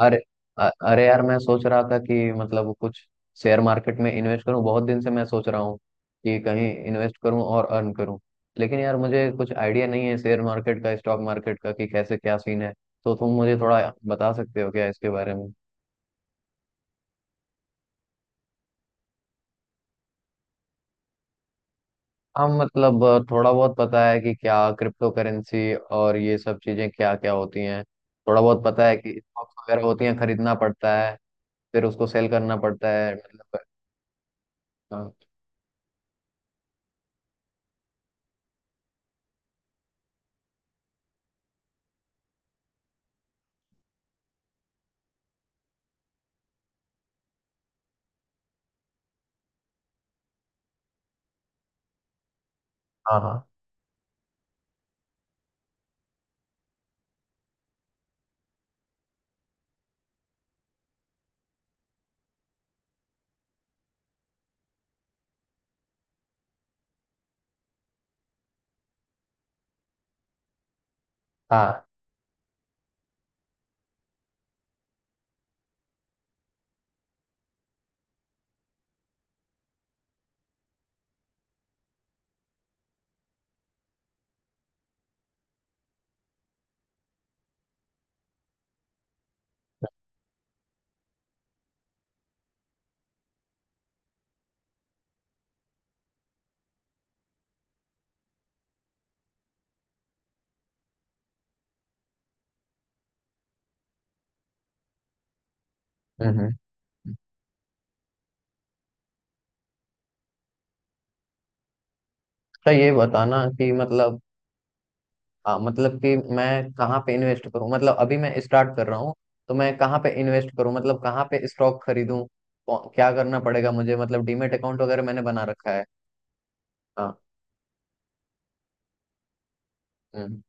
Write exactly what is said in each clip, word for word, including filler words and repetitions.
अरे। अ- अरे यार, मैं सोच रहा था कि मतलब कुछ शेयर मार्केट में इन्वेस्ट करूं। बहुत दिन से मैं सोच रहा हूं कि कहीं इन्वेस्ट करूं और अर्न करूं। लेकिन यार मुझे कुछ आइडिया नहीं है शेयर मार्केट का, स्टॉक मार्केट का, कि कैसे क्या सीन है। तो तुम मुझे थोड़ा बता सकते हो क्या इसके बारे में। हाँ मतलब अ, थोड़ा बहुत पता है कि क्या क्रिप्टो करेंसी और ये सब चीजें क्या क्या होती हैं। थोड़ा बहुत पता है कि स्टॉक्स वगैरह होती हैं, खरीदना पड़ता है, फिर उसको सेल करना पड़ता है मतलब। अ, हाँ हाँ हाँ। हम्म हम्म। तो ये बताना कि मतलब आ, मतलब कि मैं कहाँ पे इन्वेस्ट करूँ, मतलब अभी मैं स्टार्ट कर रहा हूँ। तो मैं कहाँ पे इन्वेस्ट करूँ, मतलब कहाँ पे स्टॉक खरीदूँ। कौ- क्या करना पड़ेगा मुझे, मतलब डीमेट अकाउंट वगैरह मैंने बना रखा है। हाँ। हम्म।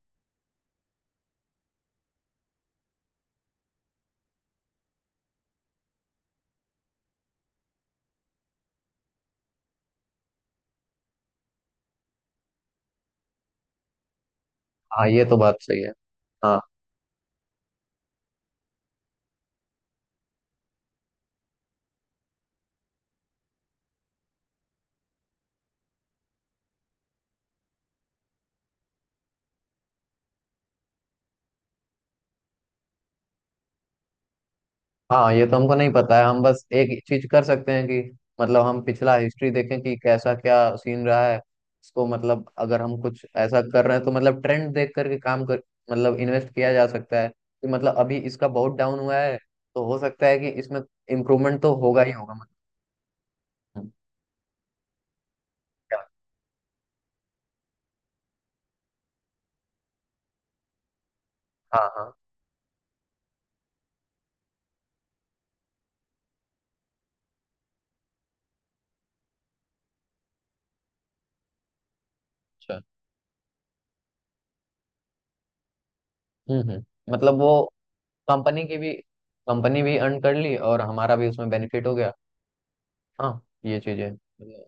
हाँ ये तो बात सही है। हाँ। हाँ ये तो हमको नहीं पता है, हम बस एक चीज कर सकते हैं कि मतलब हम पिछला हिस्ट्री देखें कि कैसा क्या सीन रहा है। इसको मतलब अगर हम कुछ ऐसा कर रहे हैं तो मतलब ट्रेंड देख करके काम कर, मतलब इन्वेस्ट किया जा सकता है कि मतलब अभी इसका बहुत डाउन हुआ है तो हो सकता है कि इसमें इम्प्रूवमेंट तो होगा ही होगा मतलब। क्या- हाँ हाँ। अच्छा। हम्म हम्म मतलब वो कंपनी की भी, कंपनी भी अर्न कर ली और हमारा भी उसमें बेनिफिट हो गया। हाँ, ये चीजें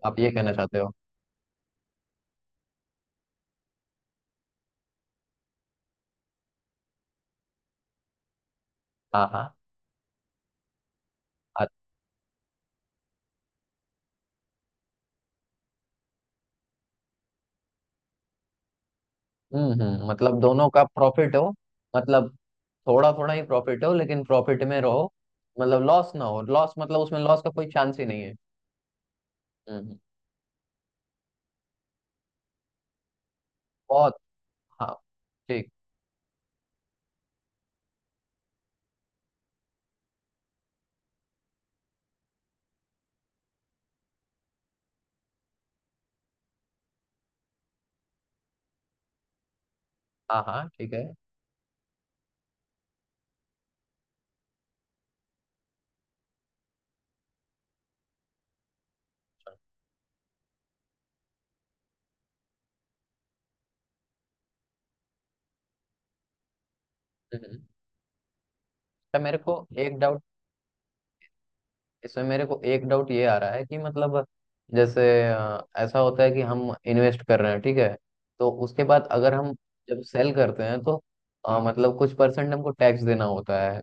आप ये कहना चाहते हो। हाँ हाँ। हम्म हम्म मतलब दोनों का प्रॉफिट हो। मतलब थोड़ा थोड़ा ही प्रॉफिट हो लेकिन प्रॉफिट में रहो। मतलब लॉस ना हो, लॉस मतलब उसमें लॉस का कोई चांस ही नहीं है। हम्म हम्म। बहुत। हाँ ठीक। हाँ हाँ ठीक है। हम्म हम्म। अच्छा मेरे को एक डाउट, इसमें मेरे को एक डाउट ये आ रहा है कि मतलब जैसे अ, ऐसा होता है कि हम इन्वेस्ट कर रहे हैं ठीक है। तो उसके बाद अगर हम जब सेल करते हैं तो अ, मतलब कुछ परसेंट हमको टैक्स देना होता है।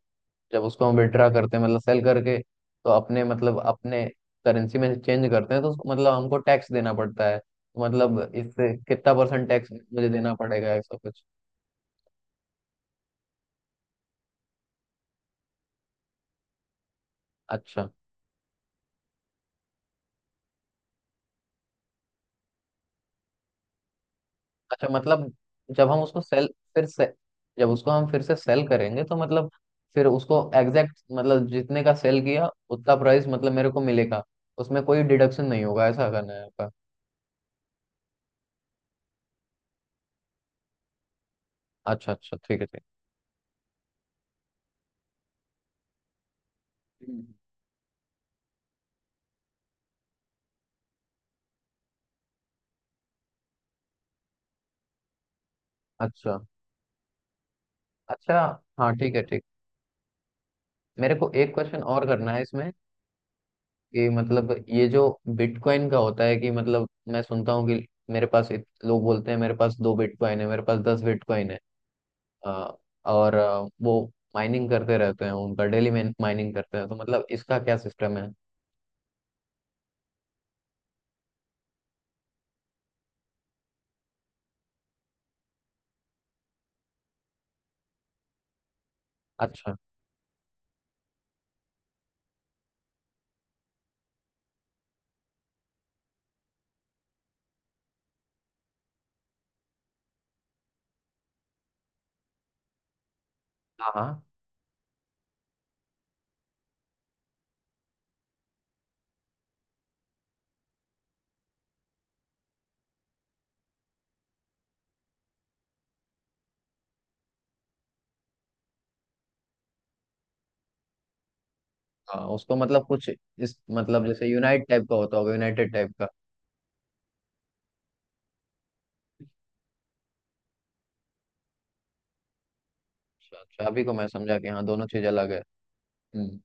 जब उसको हम विड्रा करते हैं, मतलब सेल करके तो अपने, मतलब अपने करेंसी में चेंज करते हैं तो उसको मतलब हमको टैक्स देना पड़ता है, तो मतलब इससे कितना परसेंट टैक्स मुझे देना पड़ेगा ऐसा कुछ। अच्छा। अच्छा मतलब जब हम उसको सेल, फिर से जब उसको हम फिर से सेल करेंगे तो मतलब फिर उसको एग्जैक्ट मतलब जितने का सेल किया उतना प्राइस मतलब मेरे को मिलेगा, उसमें कोई डिडक्शन नहीं होगा, ऐसा करना है आपका। अच्छा अच्छा, ठीक है ठीक। हम्म। अच्छा। अच्छा। हाँ ठीक है, ठीक। मेरे को एक क्वेश्चन और करना है इसमें, कि मतलब ये जो बिटकॉइन का होता है कि मतलब मैं सुनता हूँ कि मेरे पास इत- लोग बोलते हैं मेरे पास दो बिटकॉइन है, मेरे पास दस बिटकॉइन है। अ, और अ, वो माइनिंग करते रहते हैं उनका डेली, माइनिंग करते हैं तो मतलब इसका क्या सिस्टम है। अच्छा। हाँ हाँ हाँ। उसको मतलब कुछ इस मतलब जैसे यूनाइट टाइप का होता होगा, यूनाइटेड टाइप का। अच्छा अच्छा, अभी को मैं समझा कि हाँ दोनों चीज अलग है। हम्म।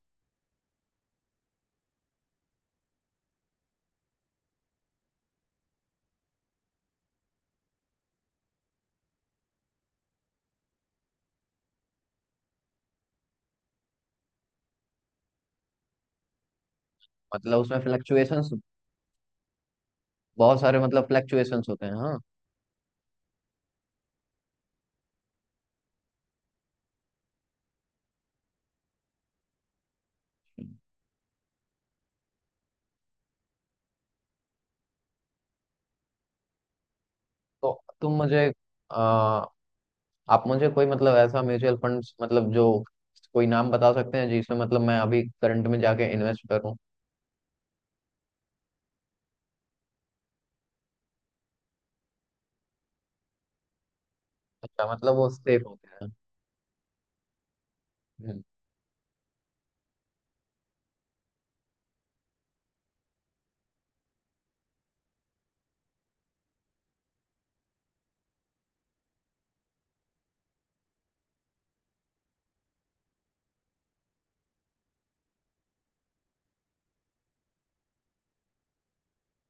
मतलब उसमें फ्लक्चुएशंस, बहुत सारे मतलब फ्लक्चुएशंस होते हैं हाँ। तो तुम मुझे आ, आप मुझे कोई मतलब ऐसा म्यूचुअल फंड्स मतलब जो कोई नाम बता सकते हैं जिसमें मतलब मैं अभी करंट में जाके इन्वेस्ट करूं। अच्छा मतलब वो सेफ होते हैं। हम्म।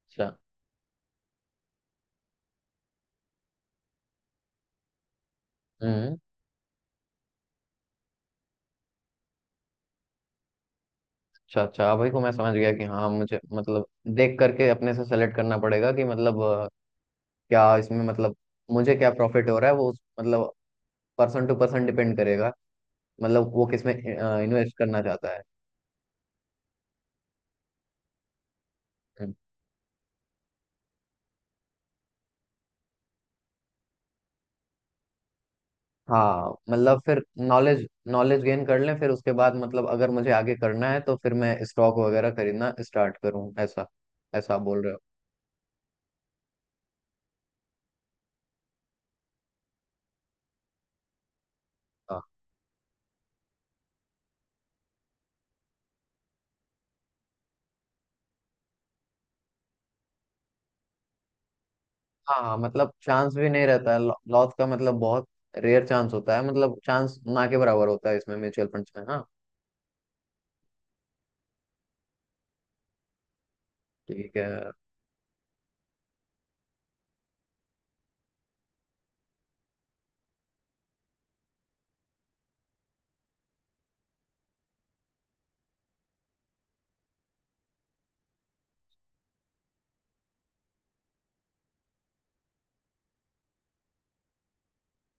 अच्छा। हम्म। अच्छा अच्छा, अब वही को मैं समझ गया कि हाँ मुझे मतलब देख करके अपने से सेलेक्ट करना पड़ेगा कि मतलब अ, क्या इसमें मतलब मुझे क्या प्रॉफिट हो रहा है वो उस- मतलब पर्सन टू पर्सन डिपेंड करेगा, मतलब वो किसमें इन्वेस्ट करना चाहता है। हम्म। हाँ मतलब फिर नॉलेज, नॉलेज गेन कर लें फिर उसके बाद मतलब अगर मुझे आगे करना है तो फिर मैं स्टॉक वगैरह खरीदना स्टार्ट करूँ, ऐसा ऐसा आप बोल रहे हो। हाँ। हाँ हाँ, मतलब चांस भी नहीं रहता है लॉस का, मतलब बहुत रेयर चांस होता है, मतलब चांस ना के बराबर होता है इसमें म्यूचुअल फंड्स में हाँ। ठीक है।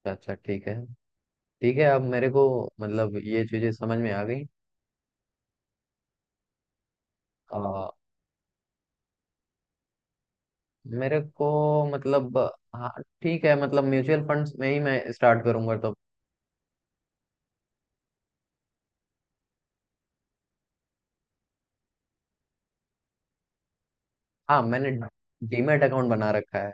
अच्छा अच्छा ठीक है, ठीक है। अब मेरे को मतलब ये चीजें समझ में आ गई। आ, मेरे को मतलब हाँ ठीक है मतलब म्यूचुअल फंड्स में ही मैं स्टार्ट करूंगा तो। हाँ मैंने डीमैट अकाउंट बना रखा है।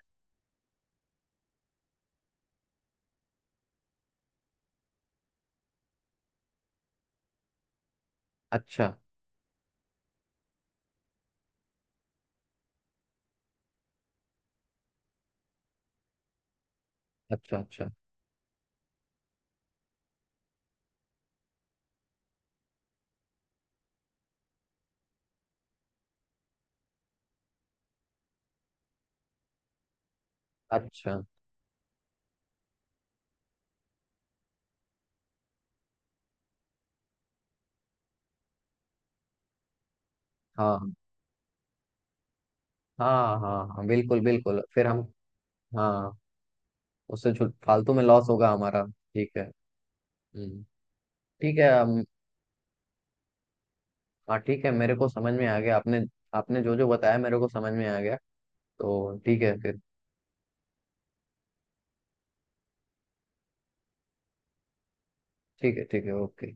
अच्छा। अच्छा। अच्छा अच्छा। हाँ हाँ हाँ हाँ, बिल्कुल बिल्कुल। फिर हम हाँ उससे छु- फालतू में लॉस होगा हमारा, ठीक है। हम्म। ठीक है। हम- हाँ ठीक है मेरे को समझ में आ गया, आपने आपने जो जो बताया मेरे को समझ में आ गया, तो ठीक है फिर। ठीक है। ठीक है ओके।